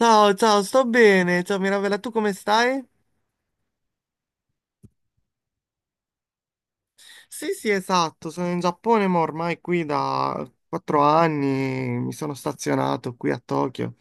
Ciao, ciao, sto bene. Ciao Mirabella, tu come stai? Sì, sì, esatto, sono in Giappone, ma ormai qui da 4 anni mi sono stazionato qui a Tokyo.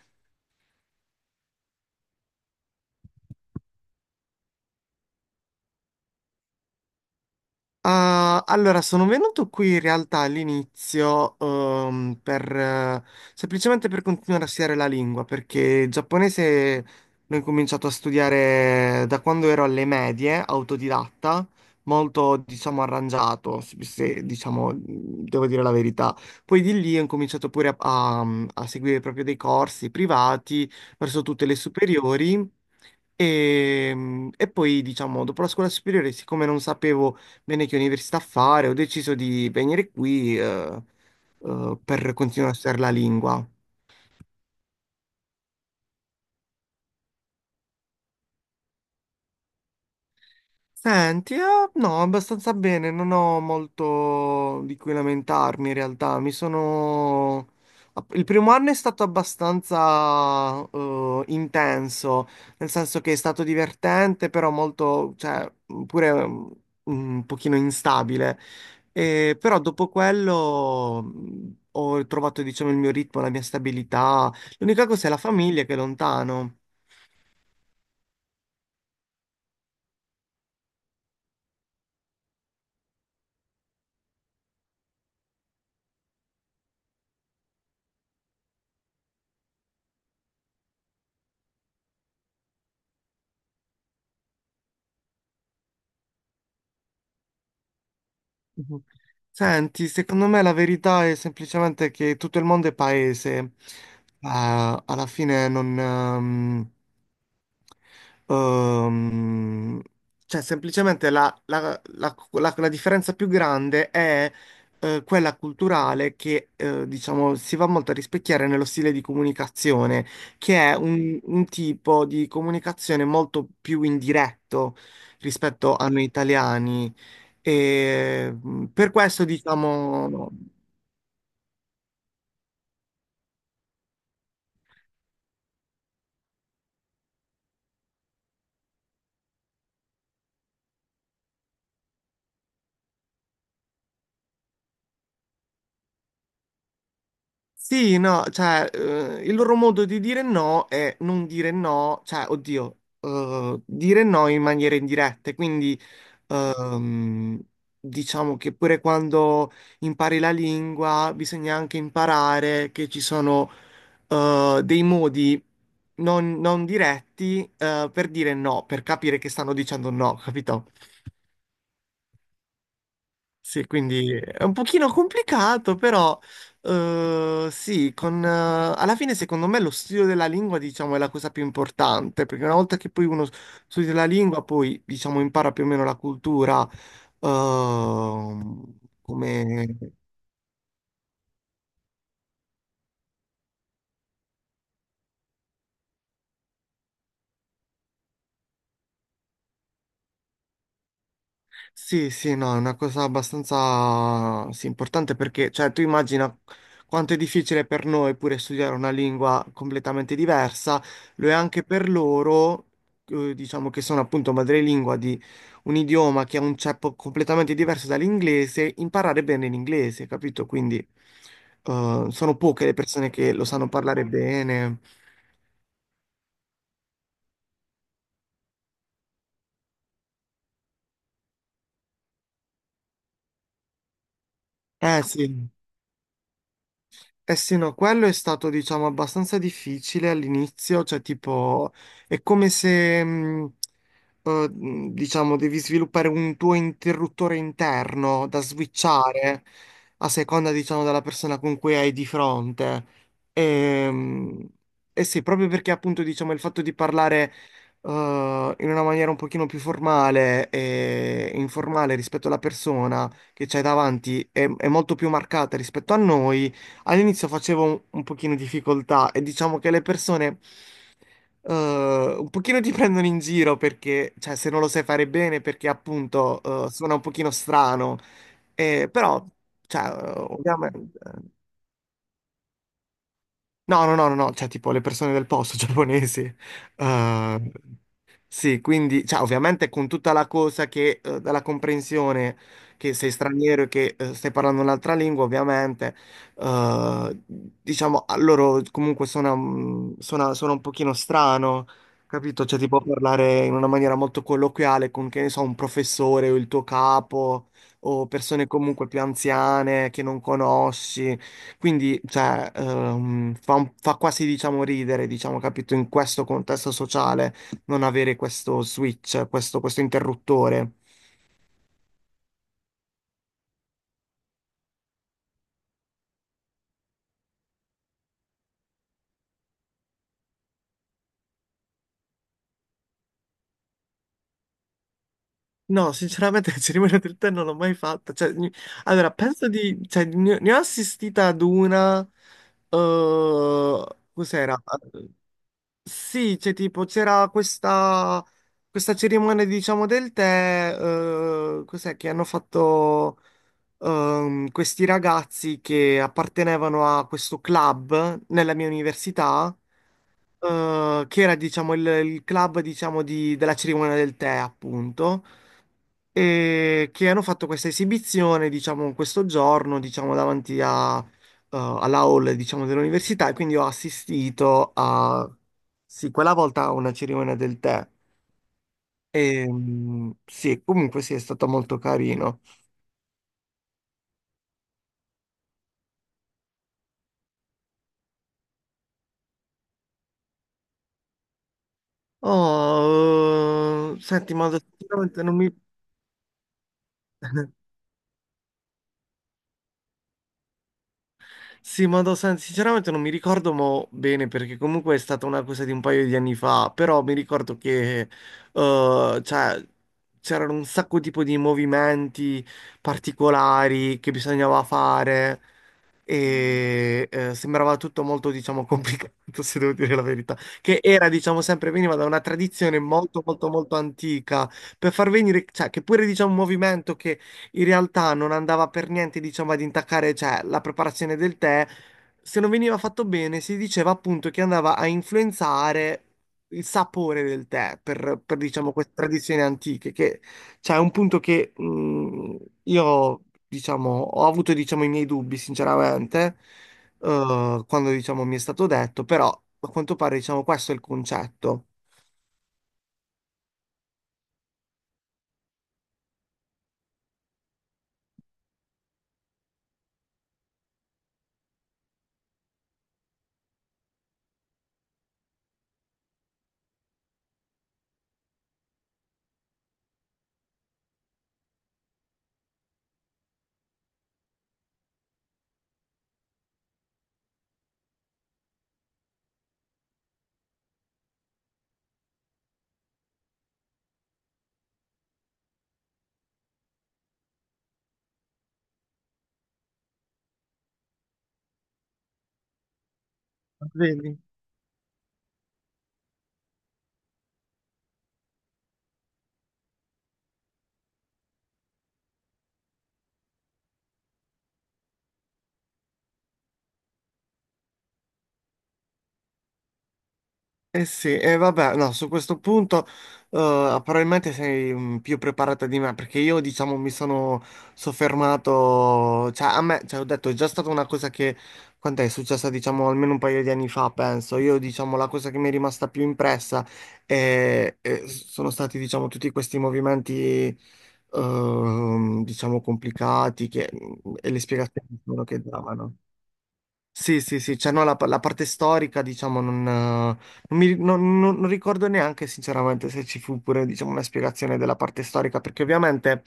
Ah, allora, sono venuto qui in realtà all'inizio semplicemente per continuare a studiare la lingua, perché il giapponese l'ho incominciato a studiare da quando ero alle medie, autodidatta, molto, diciamo, arrangiato, se, diciamo, devo dire la verità. Poi di lì ho incominciato pure a seguire proprio dei corsi privati verso tutte le superiori. E, e poi, diciamo, dopo la scuola superiore, siccome non sapevo bene che università fare, ho deciso di venire qui per continuare a studiare la lingua. Senti, no, abbastanza bene, non ho molto di cui lamentarmi in realtà. Mi sono... Il primo anno è stato abbastanza intenso, nel senso che è stato divertente, però molto, cioè, pure un pochino instabile. E però dopo quello ho trovato, diciamo, il mio ritmo, la mia stabilità. L'unica cosa è la famiglia che è lontano. Mhm. Senti, secondo me la verità è semplicemente che tutto il mondo è paese. Alla fine non, Ehm, cioè, semplicemente la differenza più grande è quella culturale che, diciamo, si va molto a rispecchiare nello stile di comunicazione, che è un tipo di comunicazione molto più indiretto rispetto a noi italiani. E per questo, diciamo. Sì, no, cioè, il loro modo di dire no è non dire no, cioè, oddio, dire no in maniera indiretta. Quindi, ehm, diciamo che pure quando impari la lingua, bisogna anche imparare che ci sono, dei modi non diretti, per dire no, per capire che stanno dicendo no, capito? Sì, quindi è un pochino complicato, però sì, alla fine secondo me lo studio della lingua, diciamo, è la cosa più importante, perché una volta che poi uno studia la lingua, poi, diciamo, impara più o meno la cultura, come, Sì, sì, no, è una cosa abbastanza sì, importante perché, cioè, tu immagina quanto è difficile per noi pure studiare una lingua completamente diversa, lo è anche per loro, diciamo che sono appunto madrelingua di un idioma che ha un ceppo completamente diverso dall'inglese, imparare bene l'inglese, capito? Quindi, sono poche le persone che lo sanno parlare bene. Sì. Eh sì, no, quello è stato, diciamo, abbastanza difficile all'inizio, cioè tipo, è come se, diciamo, devi sviluppare un tuo interruttore interno da switchare a seconda, diciamo, della persona con cui hai di fronte. E, eh sì, proprio perché appunto, diciamo, il fatto di parlare, eh, in una maniera un pochino più formale e informale rispetto alla persona che c'hai davanti è molto più marcata rispetto a noi. All'inizio facevo un pochino difficoltà e diciamo che le persone un pochino ti prendono in giro perché, cioè, se non lo sai fare bene, perché appunto suona un pochino strano, però, cioè, ovviamente. No, no, no, no, no, cioè tipo le persone del posto giapponesi. Eh, sì, quindi, cioè, ovviamente con tutta la cosa che, dalla comprensione che sei straniero e che stai parlando un'altra lingua, ovviamente, eh, diciamo, a loro comunque suona un pochino strano, capito? Cioè tipo parlare in una maniera molto colloquiale con, che ne so, un professore o il tuo capo o persone comunque più anziane che non conosci. Quindi, cioè, fa quasi, diciamo, ridere, diciamo, capito, in questo contesto sociale non avere questo switch, questo interruttore. No, sinceramente, la cerimonia del tè non l'ho mai fatta. Cioè, allora, penso di... Cioè, ne ho assistita ad una... eh, cos'era? Sì, c'era questa cerimonia, diciamo, del tè, che hanno fatto questi ragazzi che appartenevano a questo club nella mia università, che era, diciamo, il club, diciamo, della cerimonia del tè, appunto, e che hanno fatto questa esibizione, diciamo, questo giorno, diciamo, davanti alla hall, diciamo, dell'università e quindi ho assistito a, sì, quella volta a una cerimonia del tè. E, sì, comunque sì, è stato molto carino. Oh, senti, ma sinceramente non mi, Sì, ma sinceramente non mi ricordo mo bene perché comunque è stata una cosa di un paio di anni fa, però mi ricordo che cioè, c'erano un sacco tipo di movimenti particolari che bisognava fare e sembrava tutto molto, diciamo, complicato, se devo dire la verità, che era, diciamo, sempre veniva da una tradizione molto, molto, molto antica per far venire, cioè, che pure, diciamo, un movimento che in realtà non andava per niente, diciamo, ad intaccare, cioè, la preparazione del tè. Se non veniva fatto bene, si diceva appunto che andava a influenzare il sapore del tè per, diciamo, queste tradizioni antiche, che cioè, è un punto che io, diciamo, ho avuto, diciamo, i miei dubbi, sinceramente, quando, diciamo, mi è stato detto, però a quanto pare, diciamo, questo è il concetto. Vedi? Eh sì, e vabbè, no, su questo punto probabilmente sei più preparata di me perché io diciamo mi sono soffermato, cioè a me, cioè ho detto è già stata una cosa che, quant'è, è successa diciamo almeno un paio di anni fa penso, io diciamo la cosa che mi è rimasta più impressa sono stati diciamo tutti questi movimenti diciamo complicati che, e le spiegazioni che davano. Sì, sì, sì, cioè no, la parte storica, diciamo, non, non mi- non- non- non ricordo neanche sinceramente se ci fu pure, diciamo, una spiegazione della parte storica, perché ovviamente,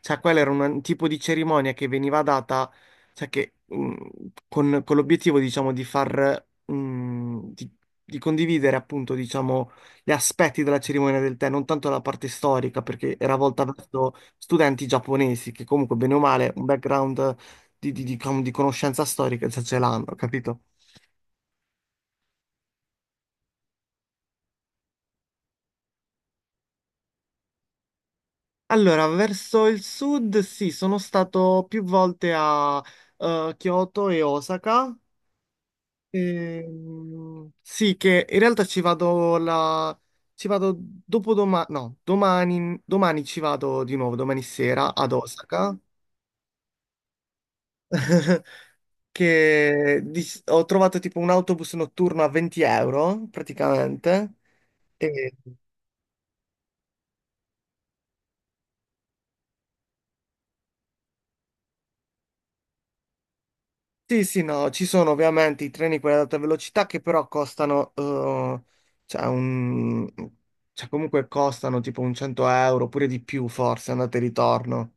cioè, quella era un tipo di cerimonia che veniva data, cioè, che, con l'obiettivo, diciamo, di condividere, appunto, diciamo, gli aspetti della cerimonia del tè, non tanto la parte storica, perché era volta verso studenti giapponesi, che comunque, bene o male, un background di conoscenza storica, cioè ce l'hanno, capito? Allora, verso il sud, sì, sono stato più volte a Kyoto e Osaka. Sì, che in realtà ci vado la... ci vado dopodomani, no, domani, domani ci vado di nuovo, domani sera ad Osaka. Ho trovato tipo un autobus notturno a 20 euro praticamente. E sì, sì, no, ci sono ovviamente i treni quelli ad alta velocità che però costano, cioè, cioè comunque costano tipo un 100 euro oppure di più forse, andate e ritorno.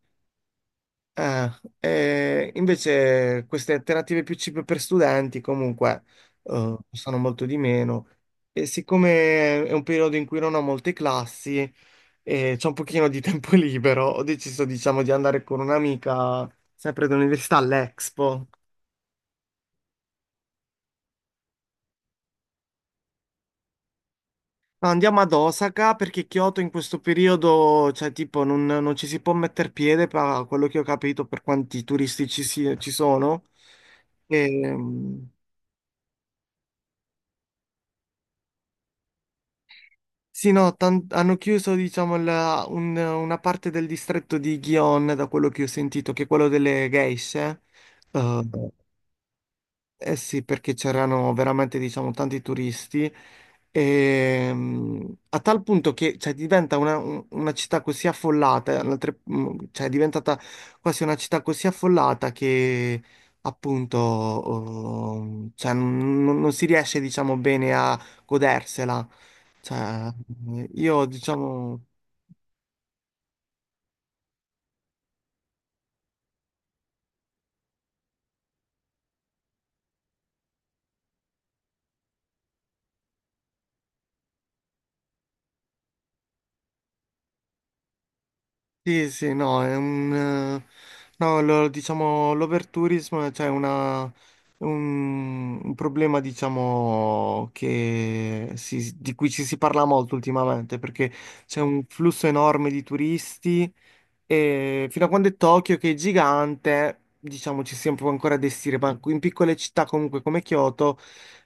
Eh, e invece queste alternative più cheap per studenti comunque costano molto di meno e siccome è un periodo in cui non ho molte classi e c'ho un pochino di tempo libero, ho deciso diciamo di andare con un'amica sempre dell'università all'Expo. No, andiamo ad Osaka perché Kyoto in questo periodo, cioè, tipo, non, non ci si può mettere piede, per quello che ho capito, per quanti turisti ci sono. Ehm, sì, no, hanno chiuso, diciamo, una parte del distretto di Gion, da quello che ho sentito, che è quello delle geishe. Eh, Eh sì, perché c'erano veramente, diciamo, tanti turisti, e, a tal punto che cioè, diventa una città così affollata, cioè è diventata quasi una città così affollata che appunto oh, cioè, non, non non si riesce, diciamo, bene a godersela. Cioè, io, diciamo. Sì, sì, no, è un... No, diciamo, l'overtourismo è cioè un problema, diciamo, di cui ci si parla molto ultimamente, perché c'è un flusso enorme di turisti e fino a quando è Tokyo, che è gigante, diciamo ci si può ancora destinare, ma in piccole città comunque come Kyoto,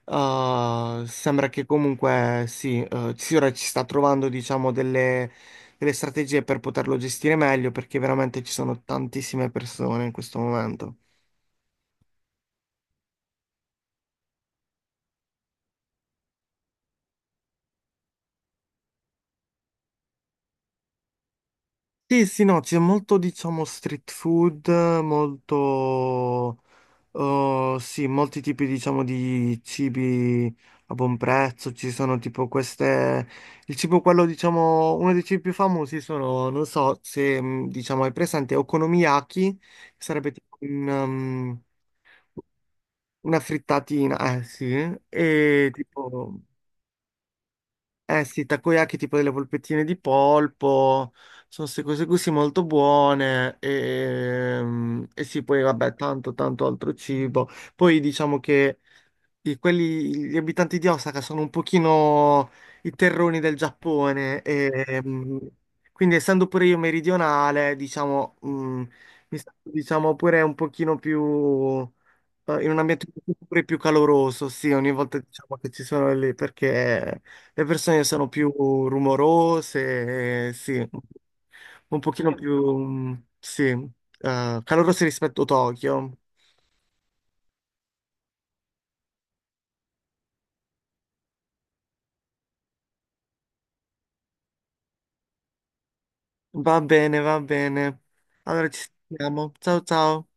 sembra che comunque sì, sì, ora ci sta trovando diciamo delle strategie per poterlo gestire meglio, perché veramente ci sono tantissime persone in questo momento. Sì, sì, no, c'è molto diciamo street food, molto... Oh, sì, molti tipi, diciamo, di cibi a buon prezzo. Ci sono tipo queste. Il cibo, quello, diciamo, uno dei cibi più famosi sono, non so se, diciamo, hai presente Okonomiyaki, che sarebbe tipo una frittatina, eh sì, e tipo, eh sì, takoyaki, tipo delle polpettine di polpo. Sono queste cose così molto buone. E sì, poi vabbè, tanto, tanto altro cibo. Poi diciamo che gli abitanti di Osaka sono un pochino i terroni del Giappone e quindi essendo pure io meridionale, diciamo, mi sento diciamo pure un pochino più in un ambiente pure più caloroso, sì, ogni volta diciamo che ci sono lì perché le persone sono più rumorose, sì, un pochino più sì, calorose rispetto a Tokyo. Va bene, va bene. Allora ci sentiamo. Ciao ciao.